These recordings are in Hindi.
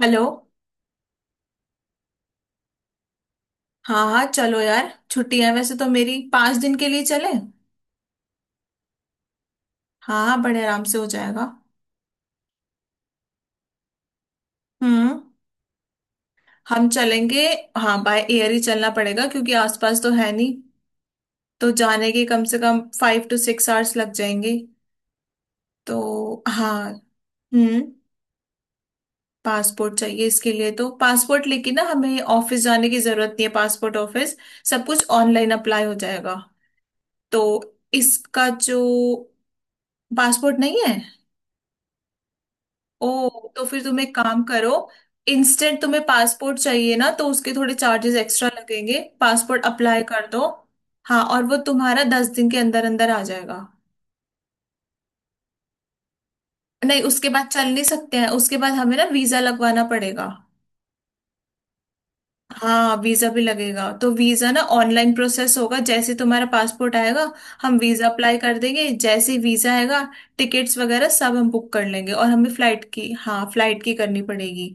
हेलो। हाँ हाँ, चलो यार, छुट्टी है वैसे तो मेरी। 5 दिन के लिए चले। हाँ हाँ, बड़े आराम से हो जाएगा। हम्म। हम चलेंगे। हाँ, बाय एयर ही चलना पड़ेगा क्योंकि आसपास तो है नहीं। तो जाने के कम से कम 5 to 6 आवर्स लग जाएंगे। तो हाँ। हम्म। पासपोर्ट चाहिए इसके लिए, तो पासपोर्ट लेके ना हमें ऑफिस जाने की जरूरत नहीं है, पासपोर्ट ऑफिस। सब कुछ ऑनलाइन अप्लाई हो जाएगा। तो इसका जो। पासपोर्ट नहीं है। ओ, तो फिर तुम एक काम करो। इंस्टेंट तुम्हें पासपोर्ट चाहिए ना, तो उसके थोड़े चार्जेस एक्स्ट्रा लगेंगे। पासपोर्ट अप्लाई कर दो। हाँ, और वो तुम्हारा 10 दिन के अंदर अंदर आ जाएगा। नहीं, उसके बाद चल नहीं सकते हैं, उसके बाद हमें ना वीजा लगवाना पड़ेगा। हाँ वीजा भी लगेगा, तो वीजा ना ऑनलाइन प्रोसेस होगा। जैसे तुम्हारा पासपोर्ट आएगा, हम वीजा अप्लाई कर देंगे। जैसे ही वीजा आएगा, टिकट्स वगैरह सब हम बुक कर लेंगे और हमें फ्लाइट की, हाँ फ्लाइट की करनी पड़ेगी।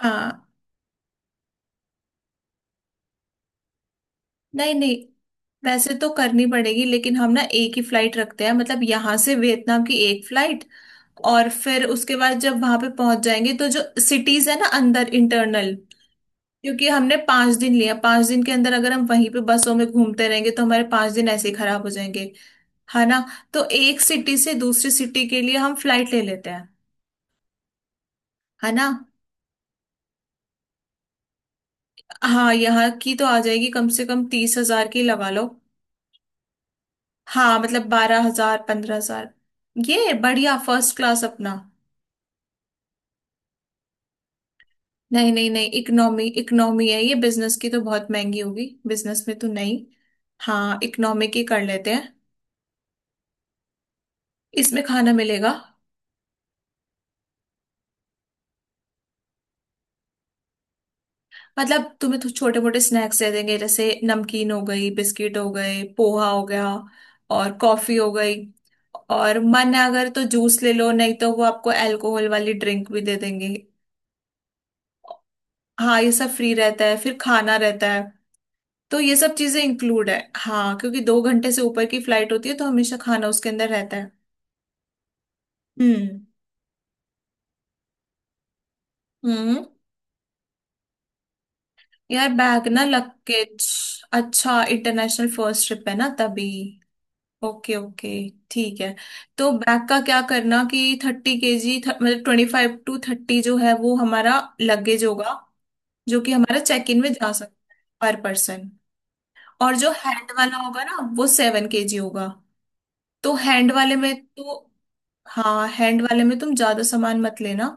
हाँ। नहीं नहीं, वैसे तो करनी पड़ेगी, लेकिन हम ना एक ही फ्लाइट रखते हैं, मतलब यहाँ से वियतनाम की एक फ्लाइट। और फिर उसके बाद जब वहां पे पहुंच जाएंगे तो जो सिटीज है ना अंदर, इंटरनल। क्योंकि हमने 5 दिन लिया, 5 दिन के अंदर अगर हम वहीं पे बसों में घूमते रहेंगे तो हमारे 5 दिन ऐसे ही खराब हो जाएंगे। है ना। तो एक सिटी से दूसरी सिटी के लिए हम फ्लाइट ले लेते हैं। है ना। हाँ, यहाँ की तो आ जाएगी, कम से कम 30,000 की लगा लो। हाँ मतलब 12,000, 15,000। ये बढ़िया फर्स्ट क्लास अपना। नहीं नहीं नहीं, इकोनॉमी, इकोनॉमी है ये। बिजनेस की तो बहुत महंगी होगी, बिजनेस में तो नहीं। हाँ, इकोनॉमी की कर लेते हैं। इसमें खाना मिलेगा। मतलब तुम्हें तो छोटे मोटे स्नैक्स दे देंगे, जैसे नमकीन हो गई, बिस्किट हो गए, पोहा हो गया। और कॉफी हो गई। और मन है अगर तो जूस ले लो, नहीं तो वो आपको अल्कोहल वाली ड्रिंक भी दे देंगे। हाँ ये सब फ्री रहता है, फिर खाना रहता है। तो ये सब चीजें इंक्लूड है, हाँ। क्योंकि 2 घंटे से ऊपर की फ्लाइट होती है, तो हमेशा खाना उसके अंदर रहता है। हम्म। हम्म। यार बैग ना, लगेज। अच्छा, इंटरनेशनल फर्स्ट ट्रिप है ना, तभी। ओके ओके, ठीक है। तो बैग का क्या करना, कि 30 केजी, मतलब 25 to 30 जो है वो हमारा लगेज होगा। जो कि हमारा चेक इन में जा सकता है पर पर्सन। और जो हैंड वाला होगा ना, वो 7 केजी होगा। तो हैंड वाले में तो। हाँ, हैंड वाले में तुम ज्यादा सामान मत लेना,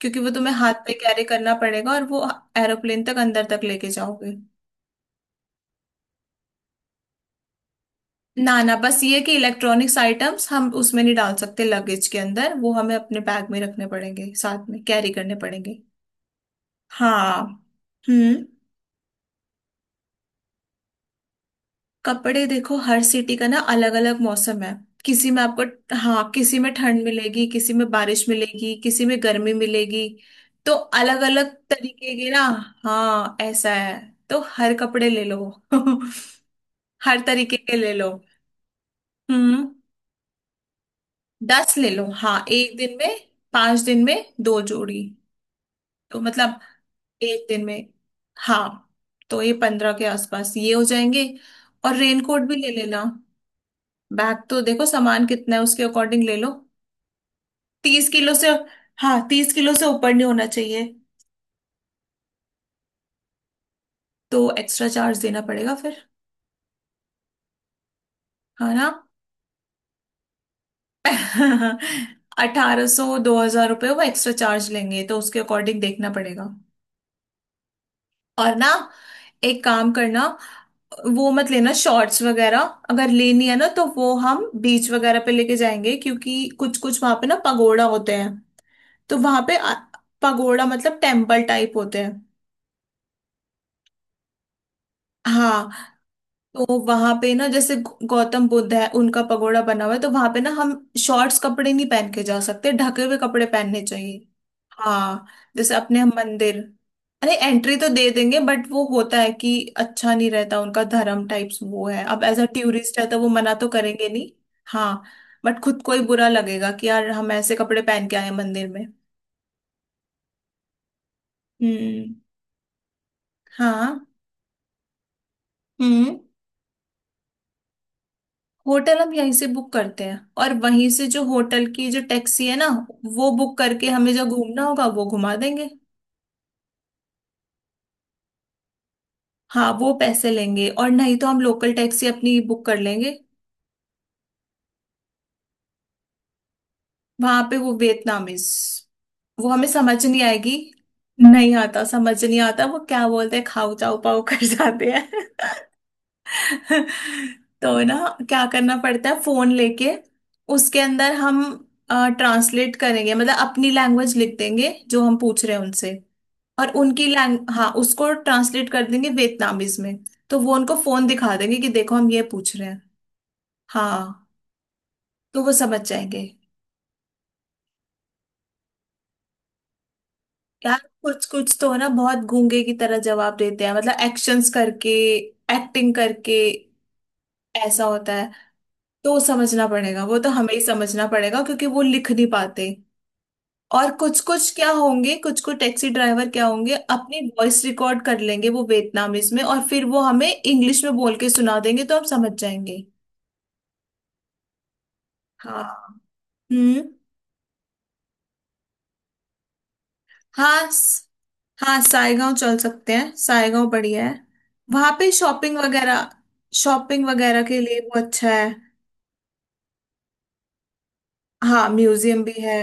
क्योंकि वो तुम्हें हाथ पे कैरी करना पड़ेगा, और वो एरोप्लेन तक अंदर तक लेके जाओगे। ना ना, बस ये कि इलेक्ट्रॉनिक्स आइटम्स हम उसमें नहीं डाल सकते, लगेज के अंदर। वो हमें अपने बैग में रखने पड़ेंगे, साथ में कैरी करने पड़ेंगे। हाँ। हम्म। कपड़े देखो, हर सिटी का ना अलग अलग मौसम है। किसी में आपको। हाँ, किसी में ठंड मिलेगी, किसी में बारिश मिलेगी, किसी में गर्मी मिलेगी। तो अलग अलग तरीके के ना। हाँ, ऐसा है। तो हर कपड़े ले लो। हर तरीके के ले लो। हम्म। दस ले लो, हाँ एक दिन में। 5 दिन में 2 जोड़ी। तो मतलब एक दिन में, हाँ। तो ये 15 के आसपास ये हो जाएंगे। और रेनकोट भी ले लेना। बैग तो देखो सामान कितना है, उसके अकॉर्डिंग ले लो। 30 किलो से। हाँ, 30 किलो से ऊपर नहीं होना चाहिए। तो एक्स्ट्रा चार्ज देना पड़ेगा फिर। है ना। 1,800, 2,000 रुपये वो एक्स्ट्रा चार्ज लेंगे, तो उसके अकॉर्डिंग देखना पड़ेगा। और ना, एक काम करना, वो मत लेना शॉर्ट्स वगैरह। अगर लेनी है ना, तो वो हम बीच वगैरह पे लेके जाएंगे, क्योंकि कुछ कुछ वहां पे ना पगोड़ा होते हैं। तो वहां पे पगोड़ा मतलब टेम्पल टाइप होते हैं। हाँ, तो वहां पे ना, जैसे गौतम बुद्ध है, उनका पगोड़ा बना हुआ है, तो वहां पे ना हम शॉर्ट्स कपड़े नहीं पहन के जा सकते, ढके हुए कपड़े पहनने चाहिए। हाँ, जैसे अपने हम मंदिर। अरे एंट्री तो दे देंगे, बट वो होता है कि अच्छा नहीं रहता, उनका धर्म टाइप्स वो है। अब एज अ टूरिस्ट है तो वो मना तो करेंगे नहीं। हाँ, बट खुद को ही बुरा लगेगा कि यार हम ऐसे कपड़े पहन के आए हैं मंदिर में। हम्म। हाँ। हम्म। होटल हम यहीं से बुक करते हैं, और वहीं से जो होटल की जो टैक्सी है ना, वो बुक करके हमें जो घूमना होगा वो घुमा देंगे। हाँ, वो पैसे लेंगे, और नहीं तो हम लोकल टैक्सी अपनी बुक कर लेंगे। वहां पे वो वियतनामीज। वो हमें समझ नहीं आएगी। नहीं आता, समझ नहीं आता वो क्या बोलते हैं, खाऊ जाऊ पाऊ कर जाते हैं। तो ना, क्या करना पड़ता है, फोन लेके उसके अंदर हम ट्रांसलेट करेंगे, मतलब अपनी लैंग्वेज लिख देंगे जो हम पूछ रहे हैं उनसे। और उनकी लैंग, हाँ उसको ट्रांसलेट कर देंगे वियतनामीज में। तो वो उनको फोन दिखा देंगे कि देखो हम ये पूछ रहे हैं। हाँ, तो वो समझ जाएंगे। यार कुछ कुछ तो है ना, बहुत गूंगे की तरह जवाब देते हैं, मतलब एक्शंस करके, एक्टिंग करके। ऐसा होता है। तो समझना पड़ेगा, वो तो हमें ही समझना पड़ेगा, क्योंकि वो लिख नहीं पाते। और कुछ कुछ क्या होंगे, कुछ कुछ टैक्सी ड्राइवर क्या होंगे, अपनी वॉइस रिकॉर्ड कर लेंगे वो वियतनामीज में, और फिर वो हमें इंग्लिश में बोल के सुना देंगे, तो हम समझ जाएंगे। हाँ। हम्म। हाँ हाँ, सायगांव चल सकते हैं, सायगांव बढ़िया है। वहां पे शॉपिंग वगैरह, शॉपिंग वगैरह के लिए वो अच्छा है। हाँ म्यूजियम भी है।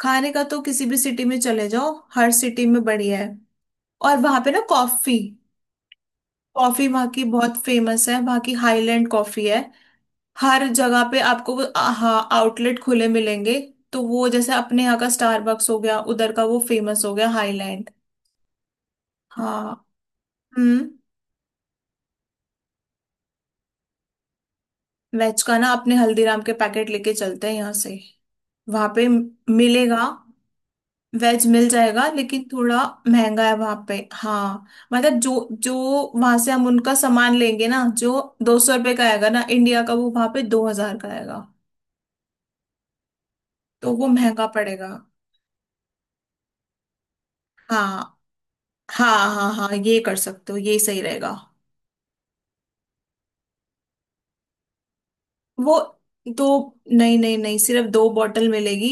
खाने का तो किसी भी सिटी में चले जाओ, हर सिटी में बढ़िया है। और वहां पे ना कॉफी, कॉफी वहाँ की बहुत फेमस है, वहाँ की हाईलैंड कॉफी है। हर जगह पे आपको वो हाँ आउटलेट खुले मिलेंगे। तो वो जैसे अपने यहाँ का स्टारबक्स हो गया, उधर का वो फेमस हो गया हाईलैंड। हाँ। हम्म। वेज का ना अपने हल्दीराम के पैकेट लेके चलते हैं यहाँ से। वहां पे मिलेगा, वेज मिल जाएगा, लेकिन थोड़ा महंगा है वहां पे, हाँ। मतलब जो जो वहां से हम उनका सामान लेंगे ना, जो 200 रुपये का आएगा ना इंडिया का, वो वहां पे 2,000 का आएगा। तो वो महंगा पड़ेगा। हाँ हाँ हाँ हाँ, ये कर सकते हो, ये सही रहेगा। वो दो, नहीं नहीं नहीं, सिर्फ 2 बॉटल मिलेगी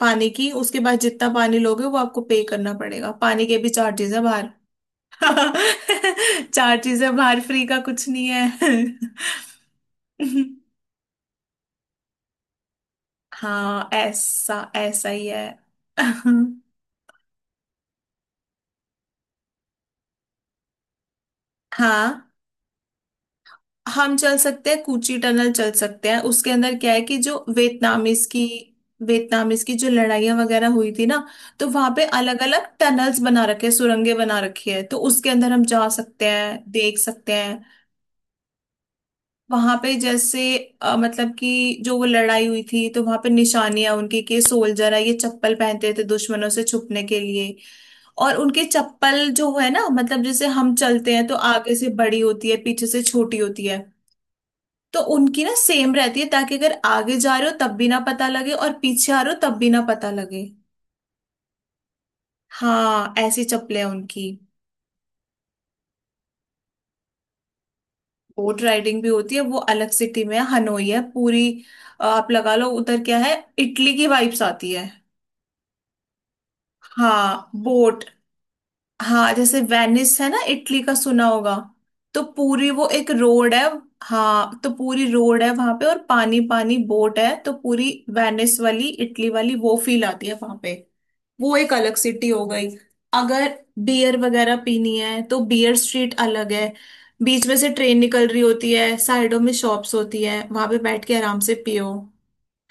पानी की। उसके बाद जितना पानी लोगे वो आपको पे करना पड़ेगा, पानी के भी चार्जेस है बाहर। चार चीजें, बाहर फ्री का कुछ नहीं है। हाँ ऐसा ऐसा ही है। हाँ, हम चल सकते हैं, कूची टनल चल सकते हैं। उसके अंदर क्या है, कि जो वियतनामीज की, वियतनामीज की जो लड़ाइयाँ वगैरह हुई थी ना, तो वहां पे अलग अलग टनल्स बना रखे हैं, सुरंगें बना रखी है, तो उसके अंदर हम जा सकते हैं, देख सकते हैं। वहां पे जैसे मतलब कि, जो वो लड़ाई हुई थी, तो वहां पे निशानियां उनकी, कि सोल्जर है, ये चप्पल पहनते थे दुश्मनों से छुपने के लिए। और उनके चप्पल जो है ना, मतलब जैसे हम चलते हैं तो आगे से बड़ी होती है, पीछे से छोटी होती है। तो उनकी ना सेम रहती है, ताकि अगर आगे जा रहे हो तब भी ना पता लगे, और पीछे आ रहे हो तब भी ना पता लगे। हाँ ऐसी चप्पलें हैं उनकी। बोट राइडिंग भी होती है, वो अलग सिटी में है, हनोई है पूरी। आप लगा लो, उधर क्या है, इटली की वाइब्स आती है। हाँ बोट। हाँ, जैसे वेनिस है ना इटली का, सुना होगा। तो पूरी वो एक रोड है। हाँ, तो पूरी रोड है वहां पे और पानी, पानी बोट है, तो पूरी वेनिस वाली, इटली वाली वो फील आती है वहां पे। वो एक अलग सिटी हो गई। अगर बियर वगैरह पीनी है, तो बियर स्ट्रीट अलग है। बीच में से ट्रेन निकल रही होती है, साइडों में शॉप्स होती है, वहां पे बैठ के आराम से पियो।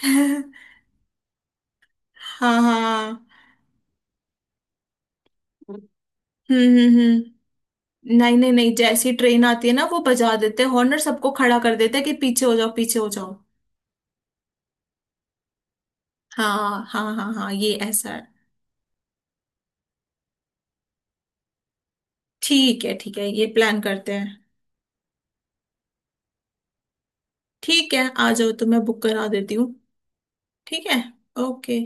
हाँ हाँ। हम्म। हम्म। हम्म। नहीं नहीं नहीं, जैसी ट्रेन आती है ना, वो बजा देते हैं हॉर्न, और सबको खड़ा कर देते हैं कि पीछे हो जाओ, पीछे हो जाओ। हाँ हाँ हाँ हाँ, ये ऐसा है। ठीक है, ठीक है, ये प्लान करते हैं। ठीक है, आ जाओ तो मैं बुक करा देती हूँ। ठीक है, ओके।